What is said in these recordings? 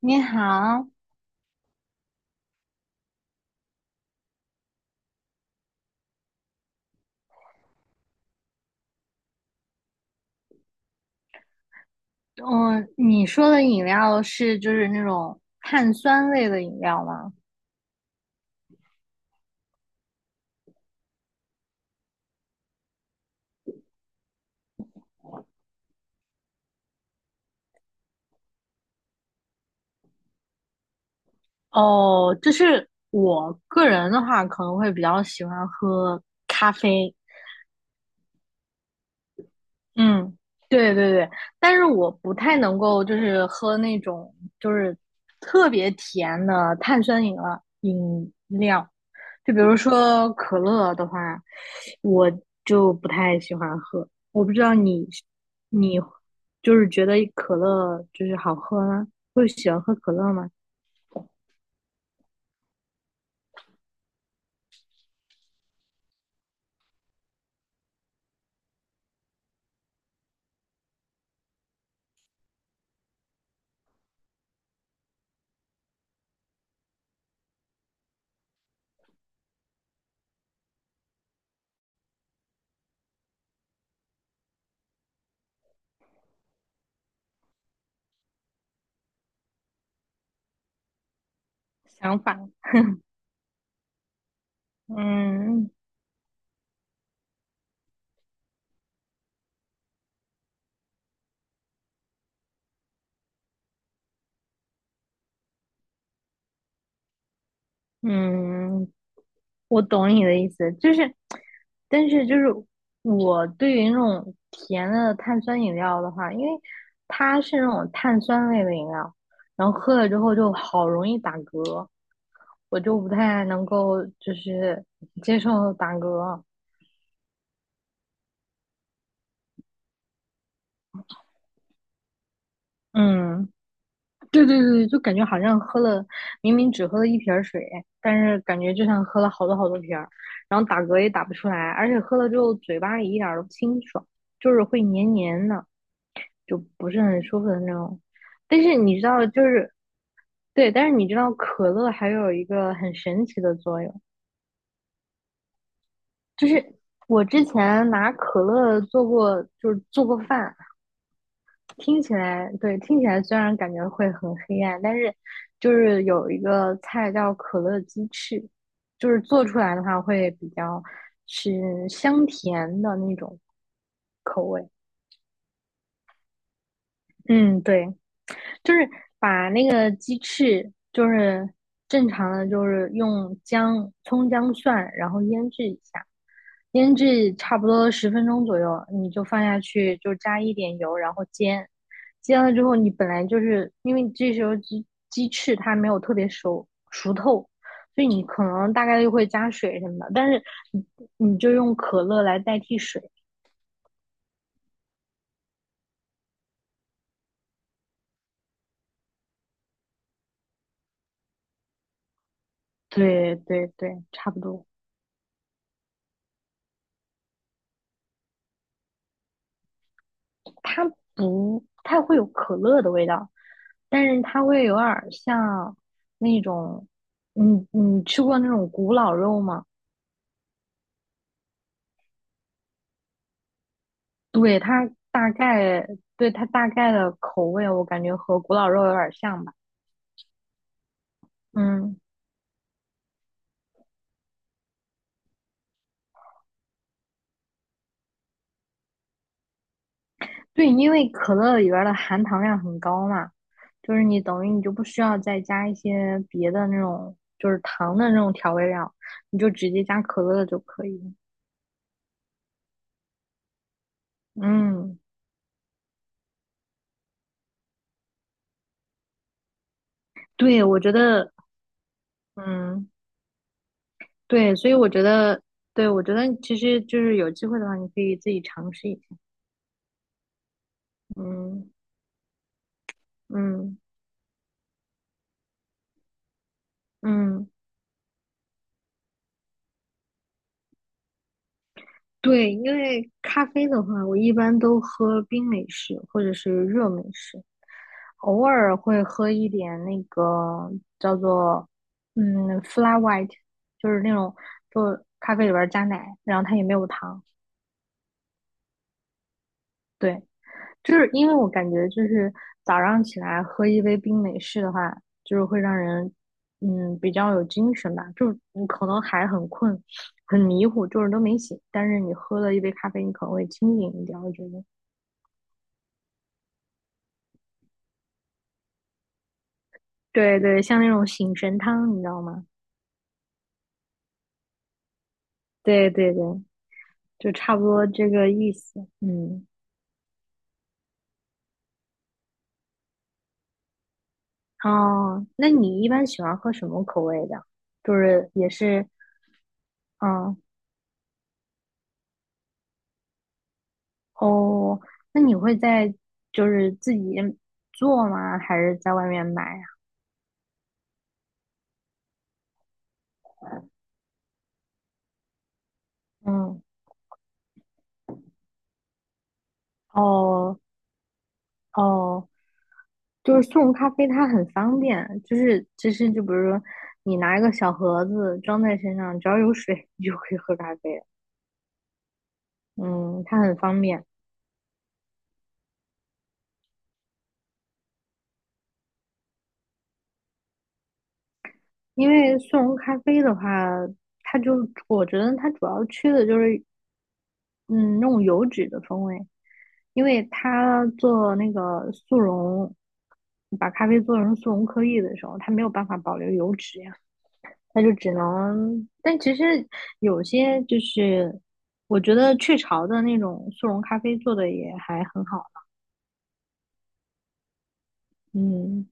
你好。嗯，你说的饮料就是那种碳酸类的饮料吗？哦，就是我个人的话，可能会比较喜欢喝咖啡。嗯，对对对，但是我不太能够就是喝那种就是特别甜的碳酸饮料。就比如说可乐的话，我就不太喜欢喝。我不知道你，你就是觉得可乐好喝吗？会喜欢喝可乐吗？想法。嗯嗯，我懂你的意思，但是我对于那种甜的碳酸饮料的话，因为它是那种碳酸类的饮料，然后喝了之后就好容易打嗝，我就不太能够接受打嗝。嗯，对对对，就感觉好像喝了，明明只喝了一瓶儿水，但是感觉就像喝了好多好多瓶儿，然后打嗝也打不出来，而且喝了之后嘴巴里一点儿都不清爽，就是会黏黏的，就不是很舒服的那种。但是你知道，就是对，但是你知道可乐还有一个很神奇的作用，就是我之前拿可乐做过，就是做过饭。听起来，对，听起来虽然感觉会很黑暗，但是有一个菜叫可乐鸡翅，就是做出来的话会比较是香甜的那种口味。嗯，对，就是把那个鸡翅，就是正常的，就是用姜、葱、姜、蒜，然后腌制一下。腌制差不多10分钟左右，你就放下去，就加一点油，然后煎。煎了之后，你本来就是因为这时候鸡翅它没有特别熟透，所以你可能大概率会加水什么的，但是你你就用可乐来代替水。对对对，差不多。它不太会有可乐的味道，但是它会有点儿像那种，你你吃过那种古老肉吗？对，它大概，对，它大概的口味，我感觉和古老肉有点像吧。嗯，对，因为可乐里边儿的含糖量很高嘛，就是你等于你就不需要再加一些别的那种，就是糖的那种调味料，你就直接加可乐就可以了。嗯，对，我觉得。嗯，对，所以我觉得，对，我觉得其实就是有机会的话，你可以自己尝试一下。嗯。嗯嗯。对，因为咖啡的话，我一般都喝冰美式或者是热美式，偶尔会喝一点那个叫做flat white,就是那种就咖啡里边儿加奶，然后它也没有糖。对，就是因为我感觉就是早上起来喝一杯冰美式的话，就是会让人比较有精神吧，就是你可能还很困，很迷糊，就是都没醒，但是你喝了一杯咖啡，你可能会清醒一点，我觉得。对对，像那种醒神汤，你知道吗？对对对，就差不多这个意思。嗯。哦，那你一般喜欢喝什么口味的？就是也是，嗯。哦，那你会在自己做吗？还是在外面买呀？嗯。哦哦，就是速溶咖啡它很方便，就是其实就比如说你拿一个小盒子装在身上，只要有水你就可以喝咖啡了。嗯，它很方便。因为速溶咖啡的话，它就我觉得它主要缺的就是嗯那种油脂的风味，因为它做那个速溶，把咖啡做成速溶颗粒的时候，它没有办法保留油脂呀，它就只能。但其实有些我觉得雀巢的那种速溶咖啡做的也还很好。嗯，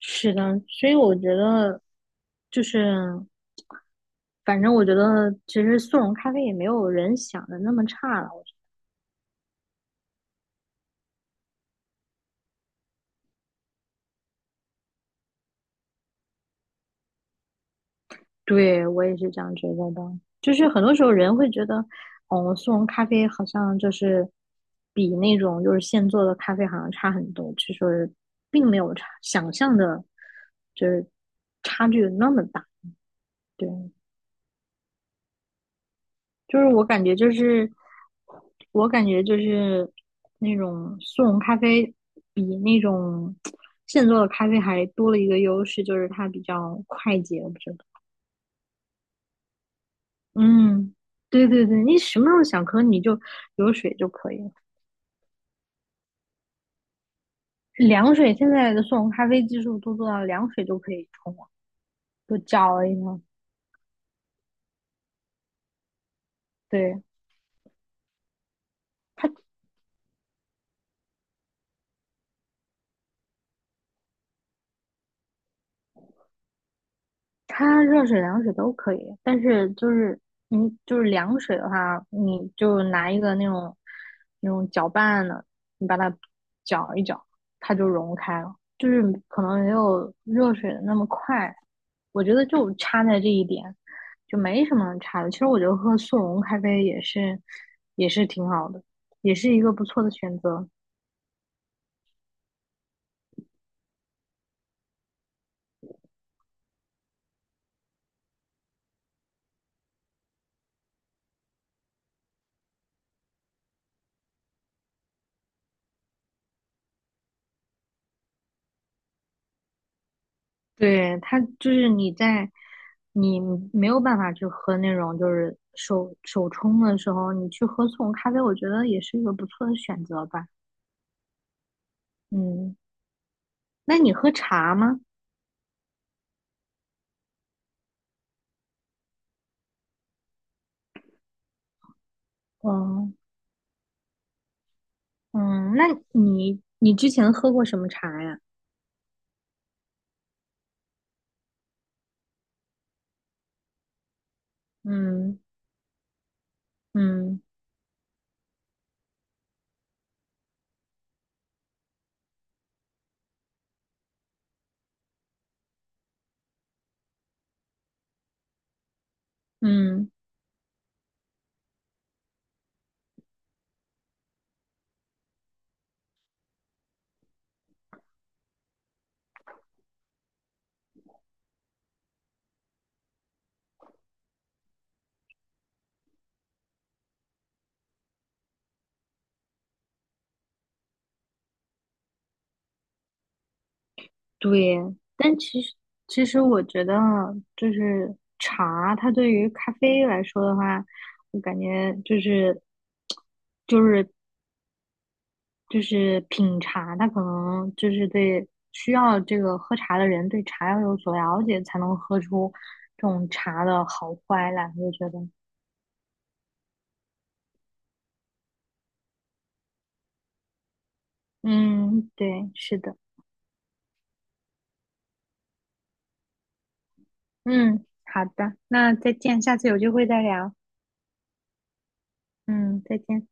是的，所以我觉得就是。反正我觉得，其实速溶咖啡也没有人想的那么差了。对我也是这样觉得的，就是很多时候人会觉得，哦，速溶咖啡好像比那种现做的咖啡好像差很多，其实并没有差想象的，就是差距那么大。对，我感觉就是，我感觉就是那种速溶咖啡比那种现做的咖啡还多了一个优势，就是它比较快捷，我觉得。嗯，对对对，你什么时候想喝你就有水就可以了。凉水现在的速溶咖啡技术都做到凉水都可以冲了，就搅了一下。对，它热水、凉水都可以，但是就是你就是凉水的话，你就拿一个那种搅拌的，你把它搅一搅，它就融开了，就是可能没有热水的那么快。我觉得就差在这一点，就没什么差的。其实我觉得喝速溶咖啡也是挺好的，也是一个不错的选择。对，它就是你在你没有办法去喝那种就是手冲的时候，你去喝速溶咖啡，我觉得也是一个不错的选择吧。嗯，那你喝茶吗？哦，嗯，那你之前喝过什么茶呀？嗯嗯嗯，对。但其实其实我觉得茶，它对于咖啡来说的话，我感觉就是就是品茶，他可能就是对需要这个喝茶的人对茶要有所了解，才能喝出这种茶的好坏来。我觉得，嗯，对，是的。嗯，好的，那再见，下次有机会再聊。嗯，再见。